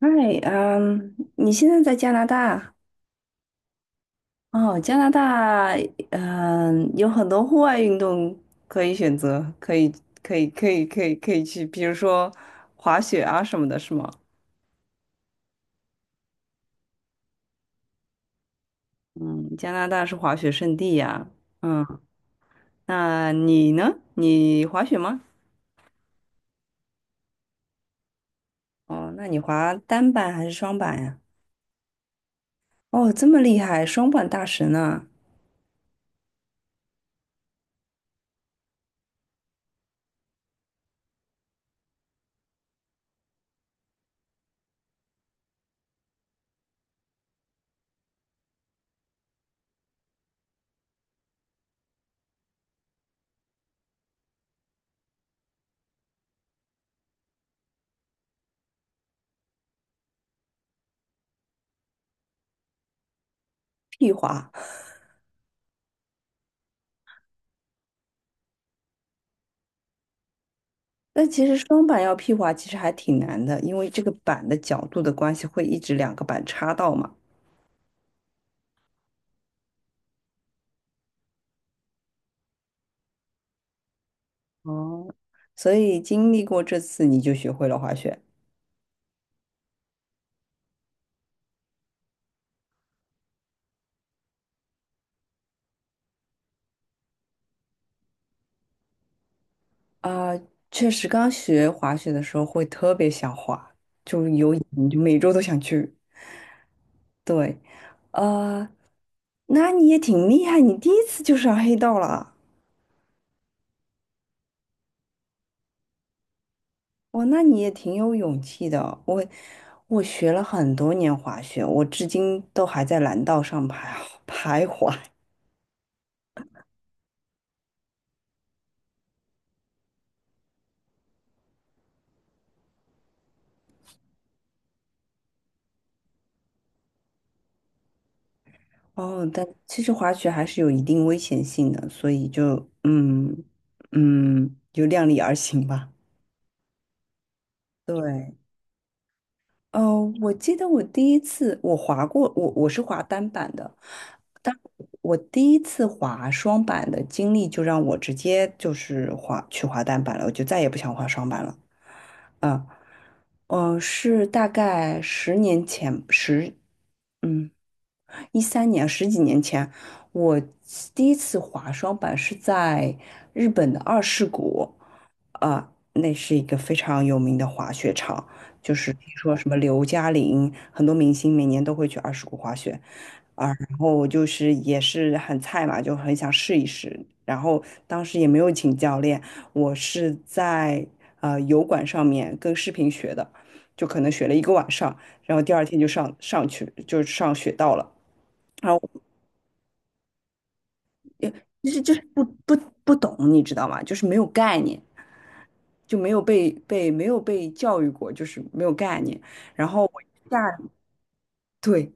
嗨，你现在在加拿大？哦，加拿大，有很多户外运动可以选择，可以去，比如说滑雪啊什么的，是吗？嗯，加拿大是滑雪圣地呀。嗯，那你呢？你滑雪吗？哦，那你滑单板还是双板呀？哦，这么厉害，双板大神呢？屁滑。但其实双板要屁滑其实还挺难的，因为这个板的角度的关系会一直两个板插到嘛。哦，所以经历过这次，你就学会了滑雪啊。确实，刚学滑雪的时候会特别想滑，就有瘾，就每周都想去。对，呃，那你也挺厉害，你第一次就上黑道了啊。哇，那你也挺有勇气的。我学了很多年滑雪，我至今都还在蓝道上徘 徘徊。哦，但其实滑雪还是有一定危险性的，所以就嗯嗯，就量力而行吧。对，哦，我记得我第一次我滑过，我是滑单板的，但我第一次滑双板的经历就让我直接就是滑去滑单板了，我就再也不想滑双板了。嗯，是大概10年前，嗯13年，十几年前，我第一次滑双板是在日本的二世谷。啊、那是一个非常有名的滑雪场，就是听说什么刘嘉玲，很多明星每年都会去二世谷滑雪啊。然后我就是也是很菜嘛，就很想试一试。然后当时也没有请教练，我是在油管上面跟视频学的，就可能学了一个晚上，然后第二天就上去就上雪道了。啊，就是不懂，你知道吗？就是没有概念，就没有被教育过，就是没有概念。然后我一下对，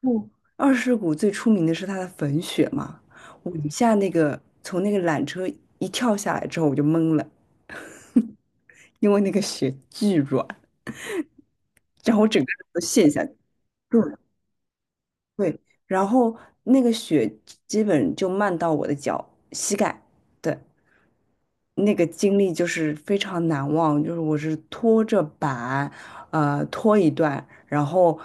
不，二世谷最出名的是它的粉雪嘛，我一下那个从那个缆车一跳下来之后，我就懵了。因为那个雪巨软，然后我整个人都陷下去。对对，然后那个雪基本就漫到我的脚膝盖。对。那个经历就是非常难忘，就是我是拖着板，拖一段，然后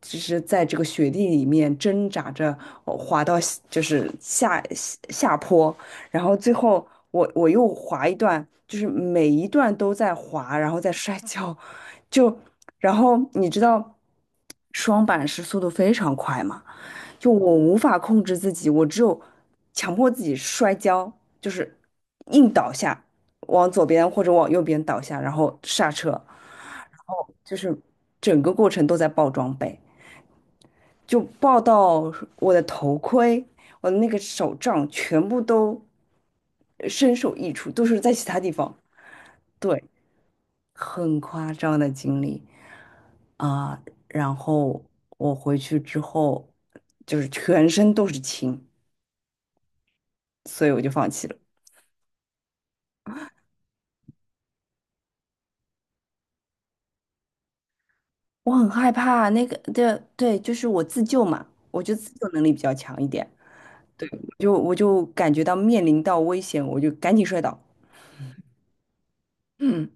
就是在这个雪地里面挣扎着滑到下就是下下下坡。然后最后我又滑一段，就是每一段都在滑，然后在摔跤，就然后你知道双板是速度非常快嘛。就我无法控制自己，我只有强迫自己摔跤，就是硬倒下，往左边或者往右边倒下，然后刹车，然后就是整个过程都在爆装备，就爆到我的头盔、我的那个手杖全部都身首异处，都是在其他地方，对，很夸张的经历啊。然后我回去之后就是全身都是青。所以我就放弃了。我很害怕那个，对对，就是我自救嘛，我就自救能力比较强一点，就我就感觉到面临到危险，我就赶紧摔倒。嗯，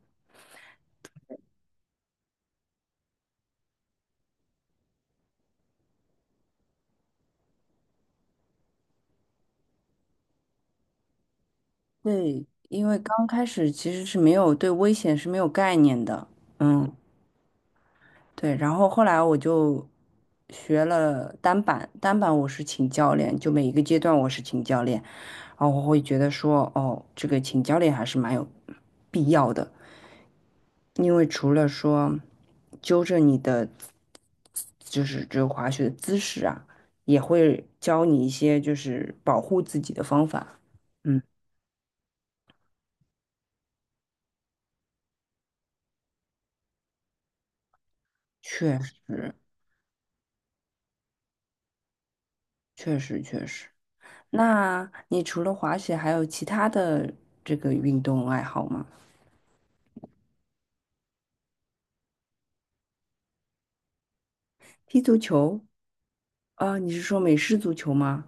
对，因为刚开始其实是没有对危险是没有概念的。嗯，对，然后后来我就学了单板，单板我是请教练，就每一个阶段我是请教练，然后我会觉得说，哦，这个请教练还是蛮有必要的。因为除了说纠正你的，就是这个滑雪的姿势啊，也会教你一些就是保护自己的方法。嗯，确实，确实，确实。那你除了滑雪，还有其他的这个运动爱好吗？踢足球？啊，你是说美式足球吗？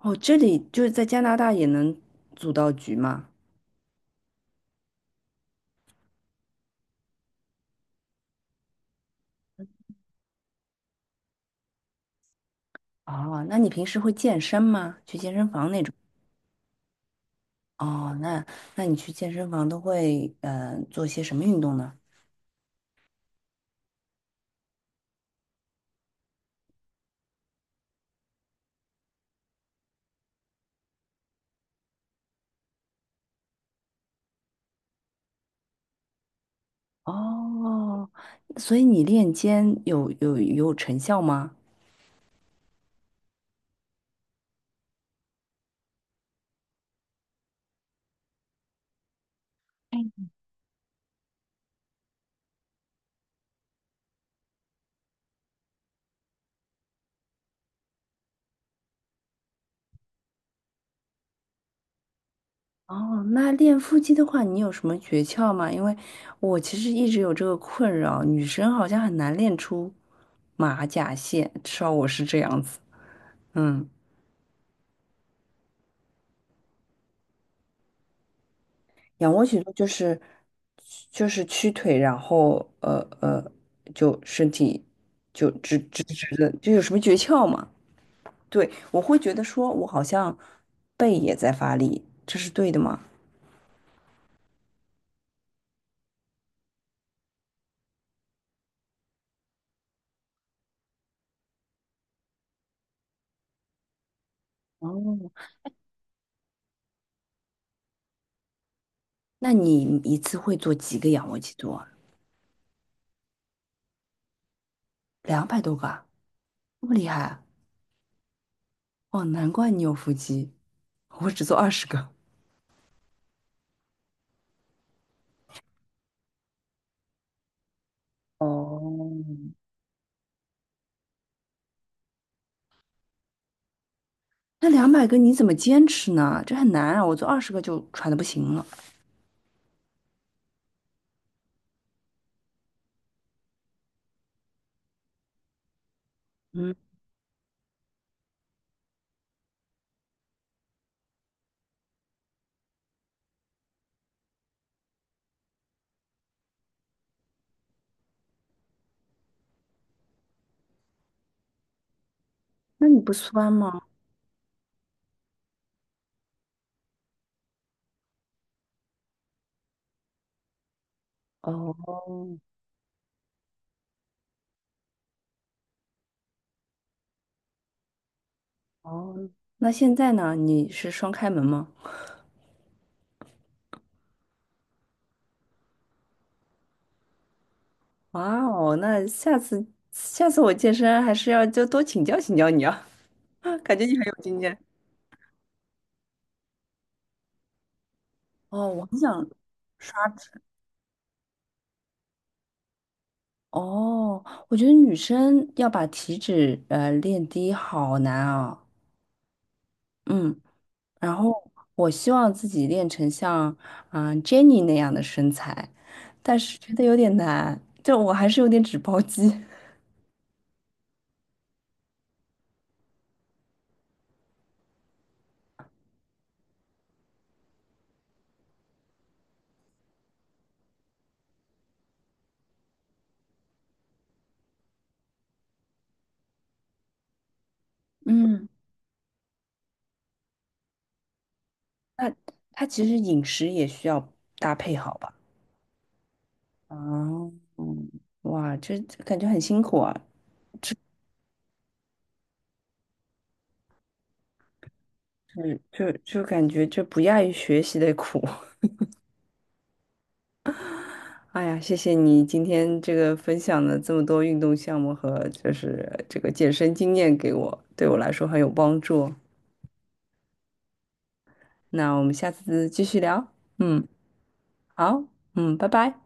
哦，这里就是在加拿大也能组到局吗？哦，那你平时会健身吗？去健身房那种？哦，那那你去健身房都会做些什么运动呢？哦，所以你练肩有成效吗？哦，那练腹肌的话，你有什么诀窍吗？因为我其实一直有这个困扰，女生好像很难练出马甲线，至少我是这样子。嗯，仰卧起坐就是屈腿，然后就身体就直的，就有什么诀窍吗？对，我会觉得说，我好像背也在发力，这是对的吗？哦，那你一次会做几个仰卧起坐啊？200多个啊？这么厉害啊！哦，难怪你有腹肌，我只做二十个。哦，那200个你怎么坚持呢？这很难啊，我做二十个就喘的不行了。嗯，那你不酸吗？哦哦，那现在呢？你是双开门吗？哇哦，那下次我健身还是要就多请教请教你啊。感觉你很有经验。哦，我很想刷脂。哦，我觉得女生要把体脂练低好难啊。嗯，然后我希望自己练成像Jennie 那样的身材，但是觉得有点难，就我还是有点脂包肌。嗯，那它其实饮食也需要搭配好吧？啊，嗯，哇，这感觉很辛苦啊，就感觉这不亚于学习的苦。哎呀，谢谢你今天这个分享的这么多运动项目和就是这个健身经验给我，对我来说很有帮助。那我们下次继续聊。嗯，好，嗯，拜拜。